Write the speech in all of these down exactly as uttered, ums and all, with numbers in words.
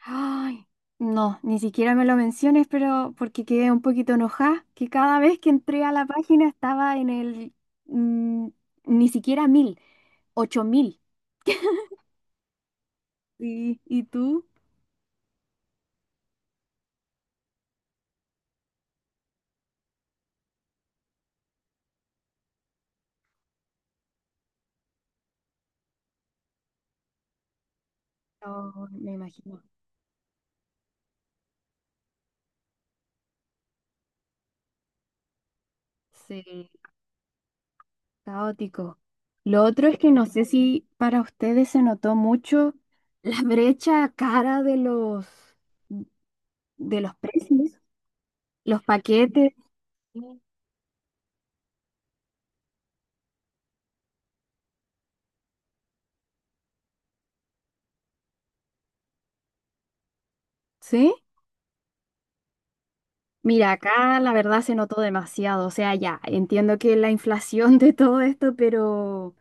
Ay, no, ni siquiera me lo menciones, pero porque quedé un poquito enojada, que cada vez que entré a la página estaba en el mm, ni siquiera mil, ocho mil. Y, ¿y tú? No, me imagino. Sí, caótico. Lo otro es que no sé si para ustedes se notó mucho la brecha cara de los de los precios, los paquetes, ¿sí? Mira, acá la verdad se notó demasiado, o sea, ya entiendo que la inflación de todo esto, pero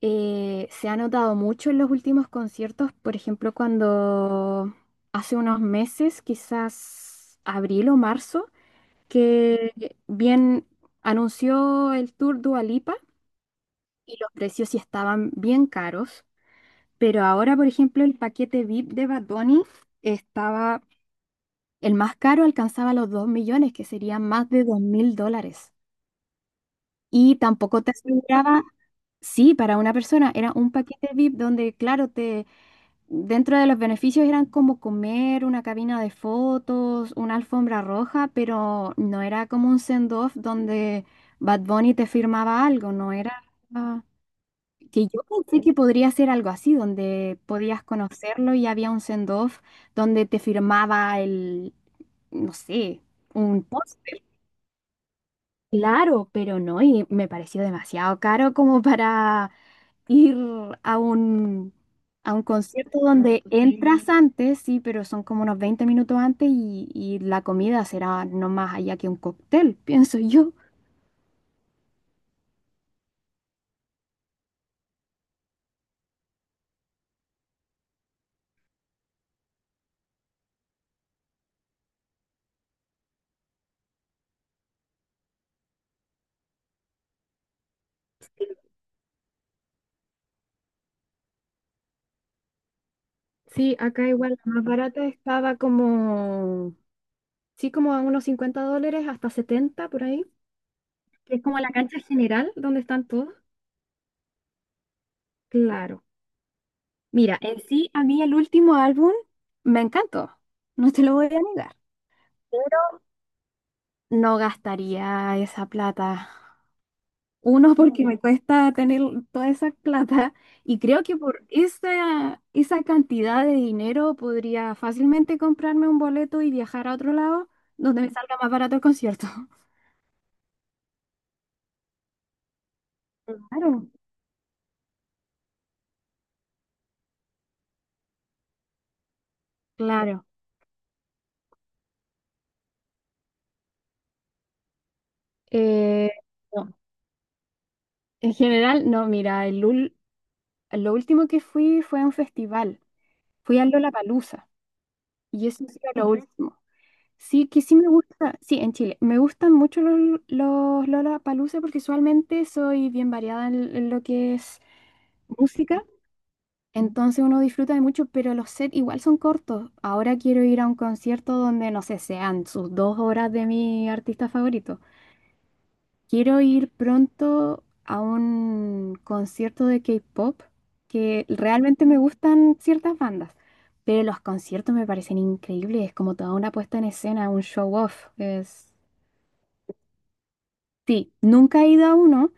eh, se ha notado mucho en los últimos conciertos, por ejemplo, cuando hace unos meses, quizás abril o marzo, que bien anunció el tour Dua Lipa y los precios sí estaban bien caros, pero ahora, por ejemplo, el paquete V I P de Bad Bunny estaba, el más caro alcanzaba los dos millones, que serían más de dos mil dólares. Y tampoco te aseguraba, sí, para una persona era un paquete V I P donde, claro, te, dentro de los beneficios eran como comer, una cabina de fotos, una alfombra roja, pero no era como un send-off donde Bad Bunny te firmaba algo, no era... ah, que yo pensé que podría ser algo así, donde podías conocerlo y había un send-off donde te firmaba el, no sé, un póster. Claro, pero no, y me pareció demasiado caro como para ir a un, a un concierto donde entras antes, sí, pero son como unos veinte minutos antes y, y la comida será no más allá que un cóctel, pienso yo. Sí, acá igual, la más barata estaba como, sí, como a unos cincuenta dólares hasta setenta por ahí, que es como la cancha general donde están todos. Claro. Mira, en sí, a mí el último álbum me encantó, no te lo voy a negar. No gastaría esa plata. Uno, porque me cuesta tener toda esa plata y creo que por esa, esa cantidad de dinero podría fácilmente comprarme un boleto y viajar a otro lado donde me salga más barato el concierto. Claro, claro. Eh, no. En general, no, mira, el ul- lo último que fui fue a un festival. Fui a Lollapalooza y eso ha sido lo último. Sí, que sí me gusta, sí, en Chile, me gustan mucho los, los Lollapalooza porque usualmente soy bien variada en, en lo que es música, entonces uno disfruta de mucho, pero los sets igual son cortos. Ahora quiero ir a un concierto donde, no sé, sean sus dos horas de mi artista favorito. Quiero ir pronto a un concierto de K-pop, que realmente me gustan ciertas bandas. Pero los conciertos me parecen increíbles, es como toda una puesta en escena, un show off. Es. Sí, nunca he ido a uno,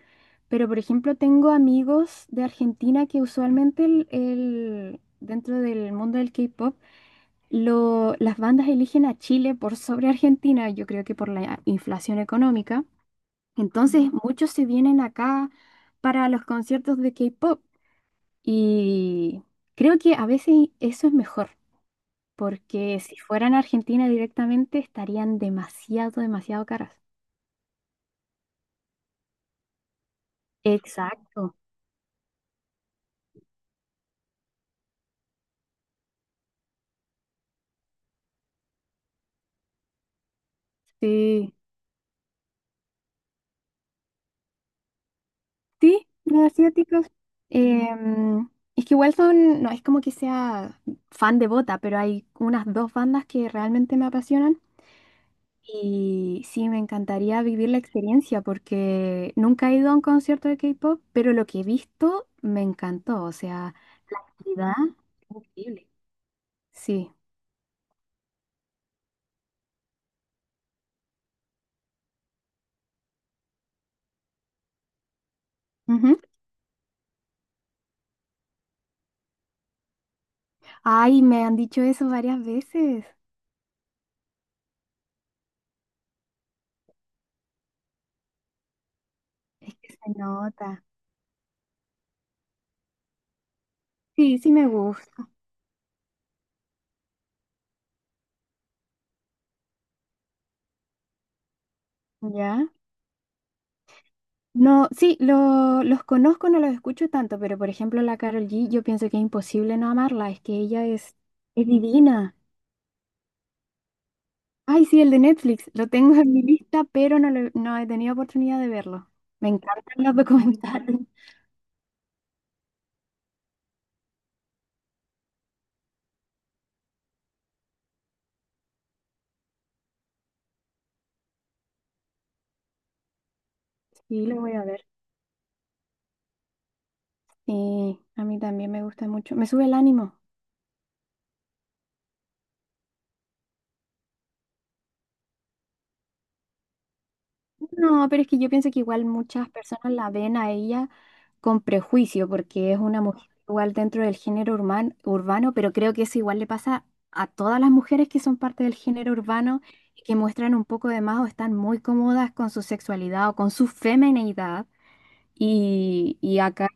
pero por ejemplo tengo amigos de Argentina que usualmente el, el- dentro del mundo del K-pop, lo- las bandas eligen a Chile por sobre Argentina, yo creo que por la inflación económica. Entonces. Ujú. Muchos se vienen acá para los conciertos de K-pop y creo que a veces eso es mejor, porque si fueran a Argentina directamente estarían demasiado, demasiado caras. Exacto, sí. Sí, los asiáticos. em, es que igual son, no es como que sea fan de Bota, pero hay unas dos bandas que realmente me apasionan y sí, me encantaría vivir la experiencia porque nunca he ido a un concierto de K-pop, pero lo que he visto me encantó, o sea, ¿verdad? Sí. Ujú. Ay, me han dicho eso varias veces. Es que se nota. Sí, sí me gusta. ¿Ya? No, sí, lo- los conozco, no los escucho tanto, pero por ejemplo la Carol G, yo pienso que es imposible no amarla, es que ella es, es divina. Ay, sí, el de Netflix, lo tengo en mi lista, pero no, lo- no he tenido oportunidad de verlo. Me encantan los documentales. Sí, lo voy a ver. Sí, a mí también me gusta mucho. Me sube el ánimo. No, pero es que yo pienso que igual muchas personas la ven a ella con prejuicio, porque es una mujer igual dentro del género urman- urbano, pero creo que eso igual le pasa a todas las mujeres que son parte del género urbano y que muestran un poco de más o están muy cómodas con su sexualidad o con su femineidad. Y, y acá,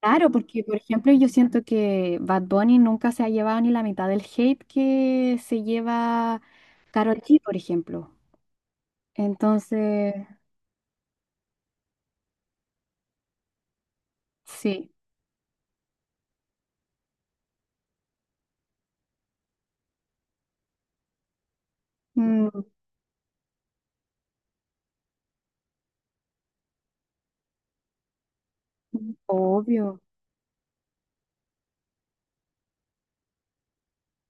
claro, porque por ejemplo yo siento que Bad Bunny nunca se ha llevado ni la mitad del hate que se lleva Karol G, por ejemplo. Entonces, sí. Mm, obvio.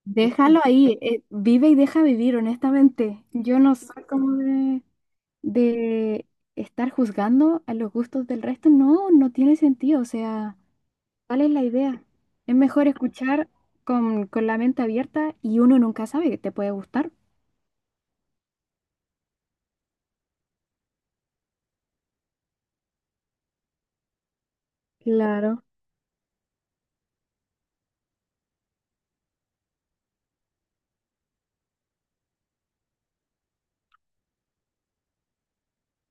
Déjalo ahí, eh, vive y deja vivir, honestamente. Yo no soy como de, de, estar juzgando a los gustos del resto. No, no tiene sentido. O sea, ¿cuál es la idea? Es mejor escuchar con, con la mente abierta y uno nunca sabe que te puede gustar. Claro.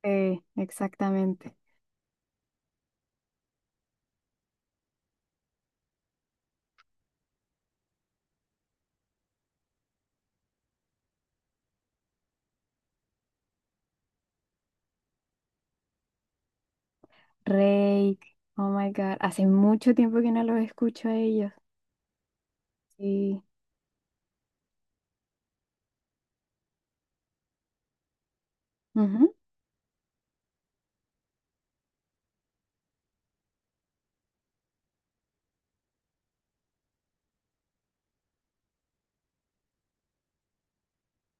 Eh, exactamente. Rey, oh my God, hace mucho tiempo que no los escucho a ellos. Sí. Ujú.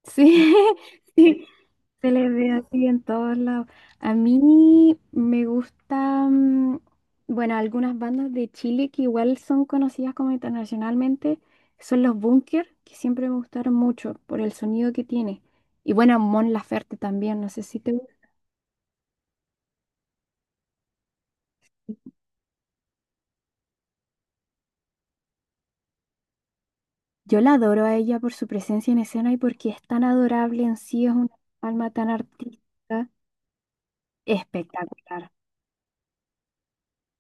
Sí, sí, se les ve así en todos lados. A mí me gustan, bueno, algunas bandas de Chile que igual son conocidas como internacionalmente, son los Bunker, que siempre me gustaron mucho por el sonido que tiene. Y bueno, Mon Laferte también, no sé si te gusta. Yo la adoro a ella por su presencia en escena y porque es tan adorable en sí, es una alma tan artística, espectacular.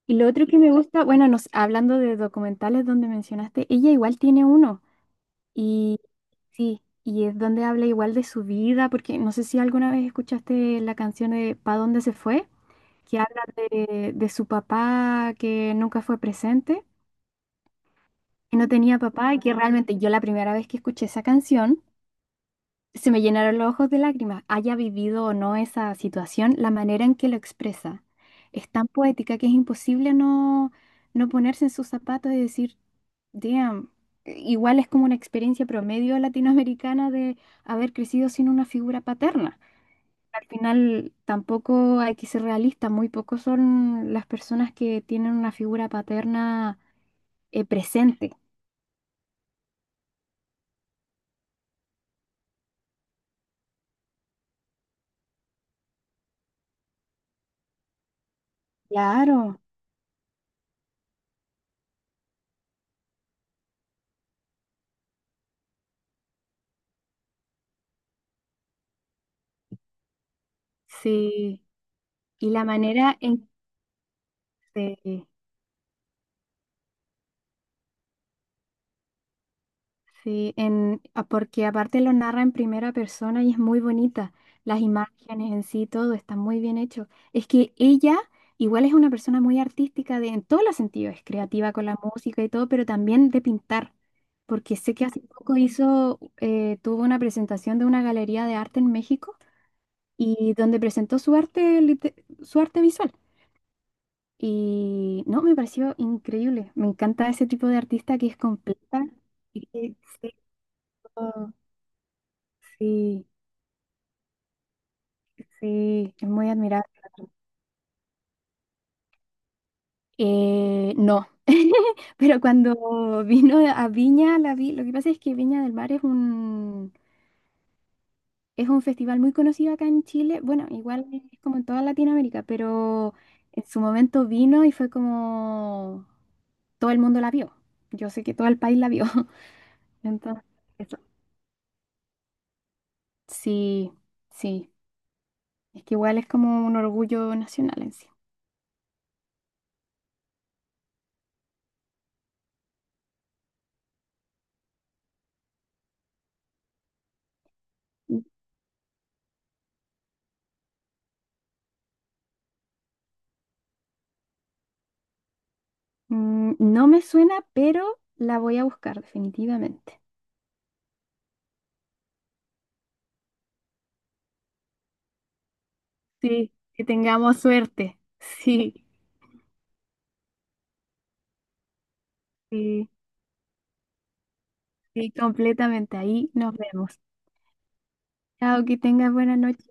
Y lo otro que me gusta, bueno, nos, hablando de documentales donde mencionaste, ella igual tiene uno. Y sí, y es donde habla igual de su vida, porque no sé si alguna vez escuchaste la canción de ¿Pa dónde se fue?, que habla de, de su papá que nunca fue presente, que no tenía papá y que realmente yo la primera vez que escuché esa canción se me llenaron los ojos de lágrimas, haya vivido o no esa situación, la manera en que lo expresa es tan poética que es imposible no, no ponerse en sus zapatos y decir, damn, igual es como una experiencia promedio latinoamericana de haber crecido sin una figura paterna. Al final tampoco hay que ser realista, muy pocos son las personas que tienen una figura paterna eh, presente. Claro, sí. Y la manera en que... Sí, en, a- porque aparte lo narra en primera persona y es muy bonita. Las imágenes en sí, todo está muy bien hecho. Es que ella igual es una persona muy artística de, en todos los sentidos, es creativa con la música y todo, pero también de pintar, porque sé que hace poco hizo, eh, tuvo una presentación de una galería de arte en México y donde presentó su arte, lite- su arte visual. Y no, me pareció increíble. Me encanta ese tipo de artista que es completa. y que- sí, sí, sí, es muy admirable. Eh, no, pero cuando vino a Viña, la vi, lo que pasa es que Viña del Mar es un, es un festival muy conocido acá en Chile, bueno, igual es como en toda Latinoamérica, pero en su momento vino y fue como todo el mundo la vio, yo sé que todo el país la vio, entonces, eso. Sí, sí, es que igual es como un orgullo nacional en sí. Mm, no me suena, pero la voy a buscar definitivamente. Sí, que tengamos suerte. Sí, sí, sí, completamente. Ahí nos vemos. Chao, que tengas buena noche.